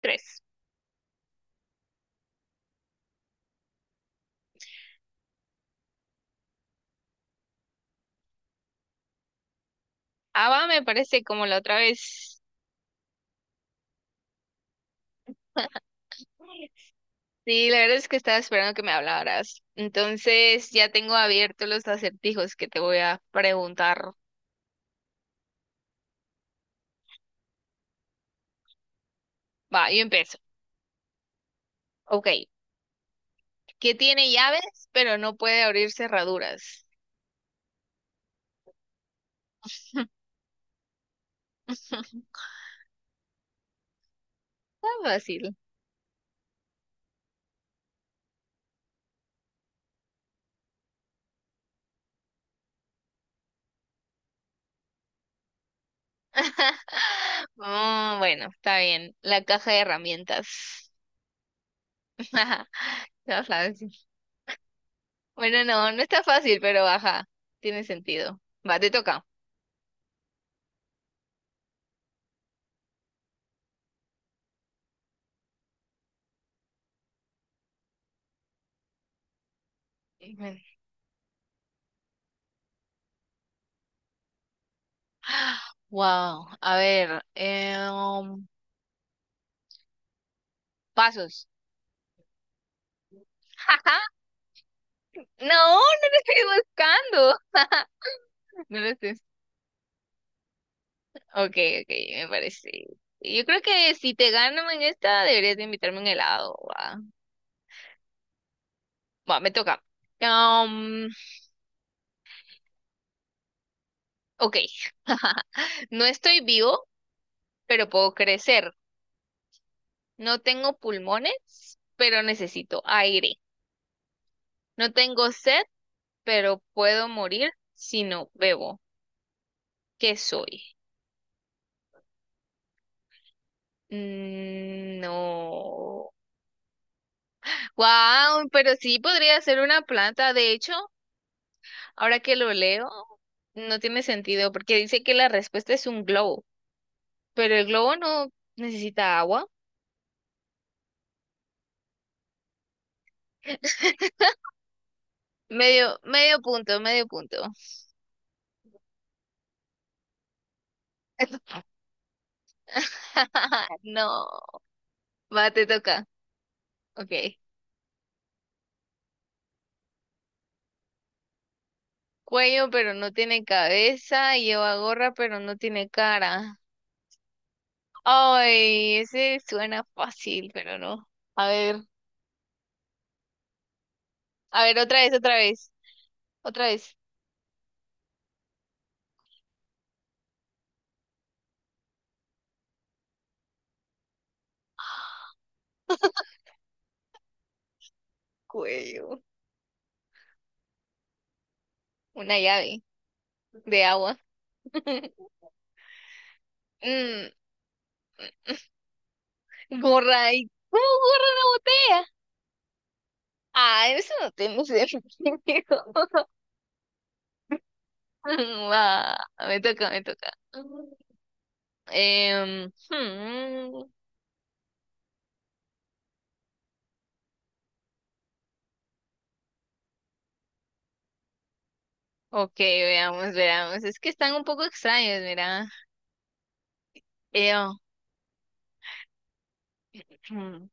Tres. Ava me parece como la otra vez. Sí, la verdad es que estaba esperando que me hablaras. Entonces ya tengo abiertos los acertijos que te voy a preguntar. Va, yo empiezo. Ok. ¿Qué tiene llaves, pero no puede abrir cerraduras? Está fácil. Mm, bueno, está bien. La caja de herramientas. Está fácil. Bueno, no, no está fácil, pero baja. Tiene sentido. Va, te toca. Wow, a ver, pasos. Jaja, no, no lo estoy buscando. No lo estoy. Ok, ok, me parece. Yo creo que si te gano en esta, deberías de invitarme un helado. Va, va, me toca. Um, ok. No estoy vivo, pero puedo crecer. No tengo pulmones, pero necesito aire. No tengo sed, pero puedo morir si no bebo. ¿Qué soy? Mm, no. Wow, pero sí podría ser una planta. De hecho, ahora que lo leo, no tiene sentido porque dice que la respuesta es un globo, pero el globo no necesita agua. Medio, medio punto, medio punto. No, va, te toca. Ok. Cuello, pero no tiene cabeza. Lleva gorra, pero no tiene cara. Ay, ese suena fácil, pero no. A ver, a ver, otra vez, otra vez, otra vez. Cuello. Una llave de agua. Mm, gorra. ¿Y cómo gorra una botella? Ah, eso no tengo sentido. Va, me toca, me toca. Em, hmm, ok, veamos, veamos. Es que están un poco extraños, mira. Eh, oh, hmm,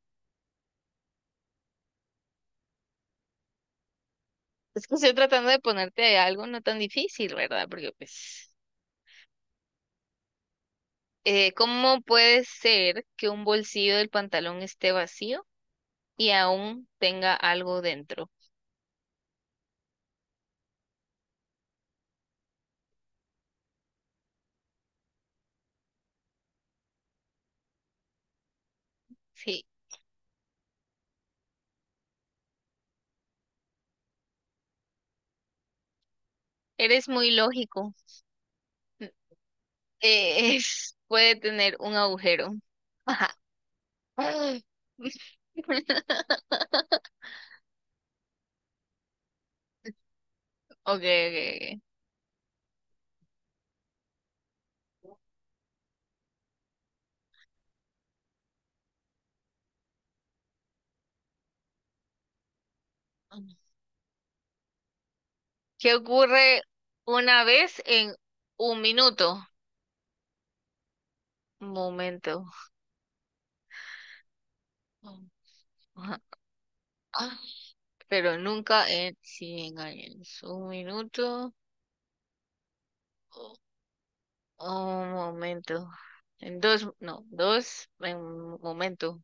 Es que estoy tratando de ponerte algo no tan difícil, ¿verdad? Porque pues, ¿cómo puede ser que un bolsillo del pantalón esté vacío y aún tenga algo dentro? Sí, eres muy lógico. Puede tener un agujero. Ajá. Okay, ok, ok. ¿Qué ocurre una vez en un minuto? Un momento. Ajá. Pero nunca en 100 años. Un minuto. Un momento. En dos, no, dos, en un momento.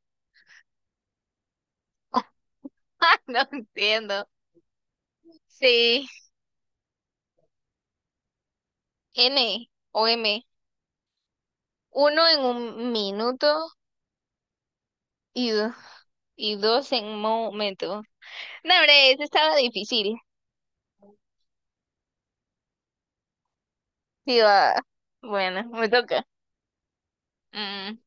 No entiendo. Sí, N o M. Uno en un minuto y, do- y dos en un momento. No, hombre, eso estaba difícil. Sí, va. Bueno, me toca. Mm,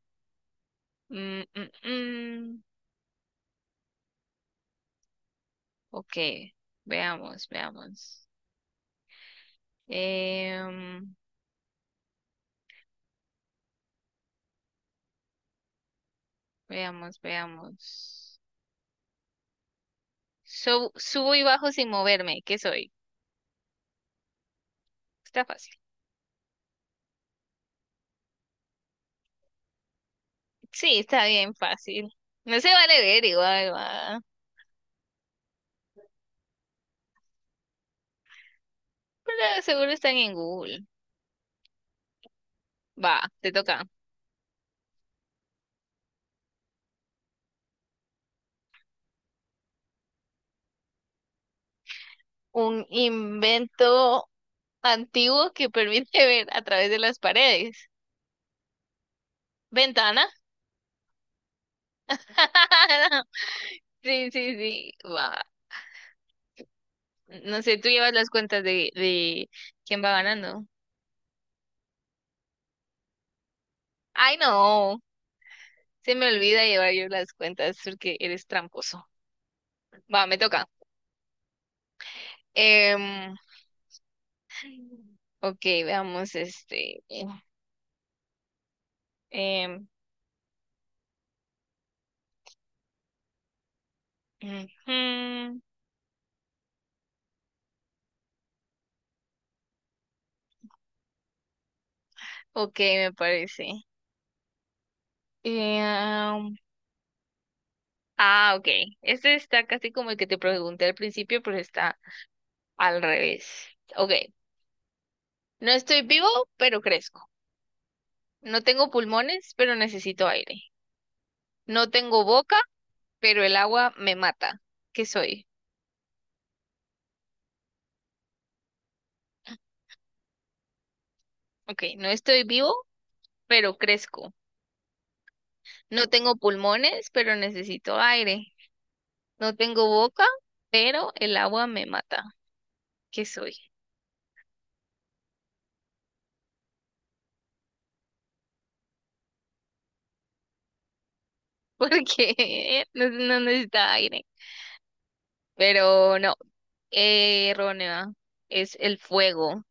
mm, mm, mm. Ok, veamos, veamos. Em, veamos, veamos. Subo y bajo sin moverme. ¿Qué soy? Está fácil. Sí, está bien fácil. No se vale ver igual, va. Pero seguro están en Google. Va, te toca. Un invento antiguo que permite ver a través de las paredes. ¿Ventana? Sí, sí, sí. Va. No sé, tú llevas las cuentas de quién va ganando. Ay, no. Se me olvida llevar yo las cuentas porque eres tramposo. Va, me toca. Em, ok, veamos este. Em, ujú, ok, me parece. Em, Ah, ok. Este está casi como el que te pregunté al principio, pero está al revés. Ok. No estoy vivo, pero crezco. No tengo pulmones, pero necesito aire. No tengo boca, pero el agua me mata. ¿Qué soy? Ok. No estoy vivo, pero crezco. No tengo pulmones, pero necesito aire. No tengo boca, pero el agua me mata. ¿Qué soy? Porque no, no necesita aire. Pero no, errónea. Es el fuego.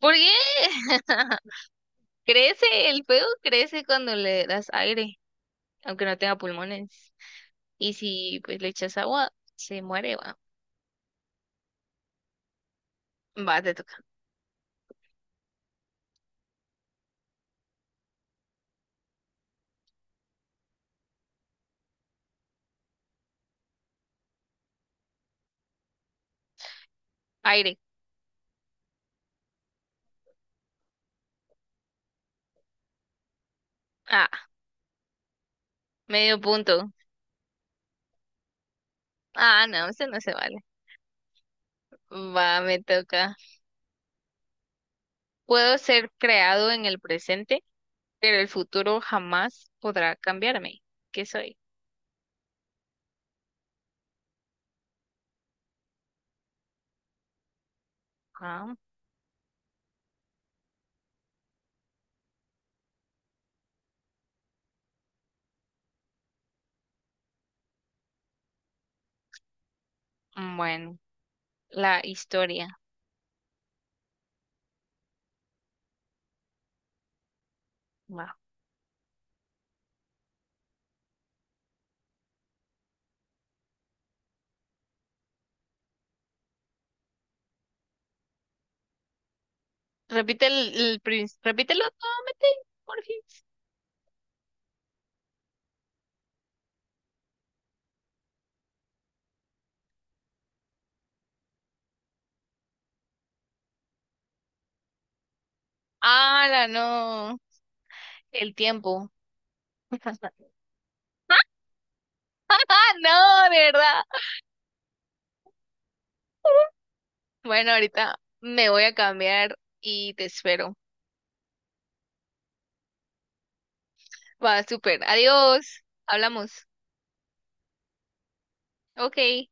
¿Por qué? Crece, el fuego crece cuando le das aire, aunque no tenga pulmones. Y si pues le echas agua, se muere, va. Va, te toca. Aire. Ah, medio punto. Ah, no, eso no se vale. Va, me toca. Puedo ser creado en el presente, pero el futuro jamás podrá cambiarme. ¿Qué soy? Ah, bueno, la historia. Va. Repite repítelo nuevamente, por fin. Ah, no. El tiempo. No, de verdad. Bueno, ahorita me voy a cambiar y te espero. Va, súper. Adiós. Hablamos. Ok.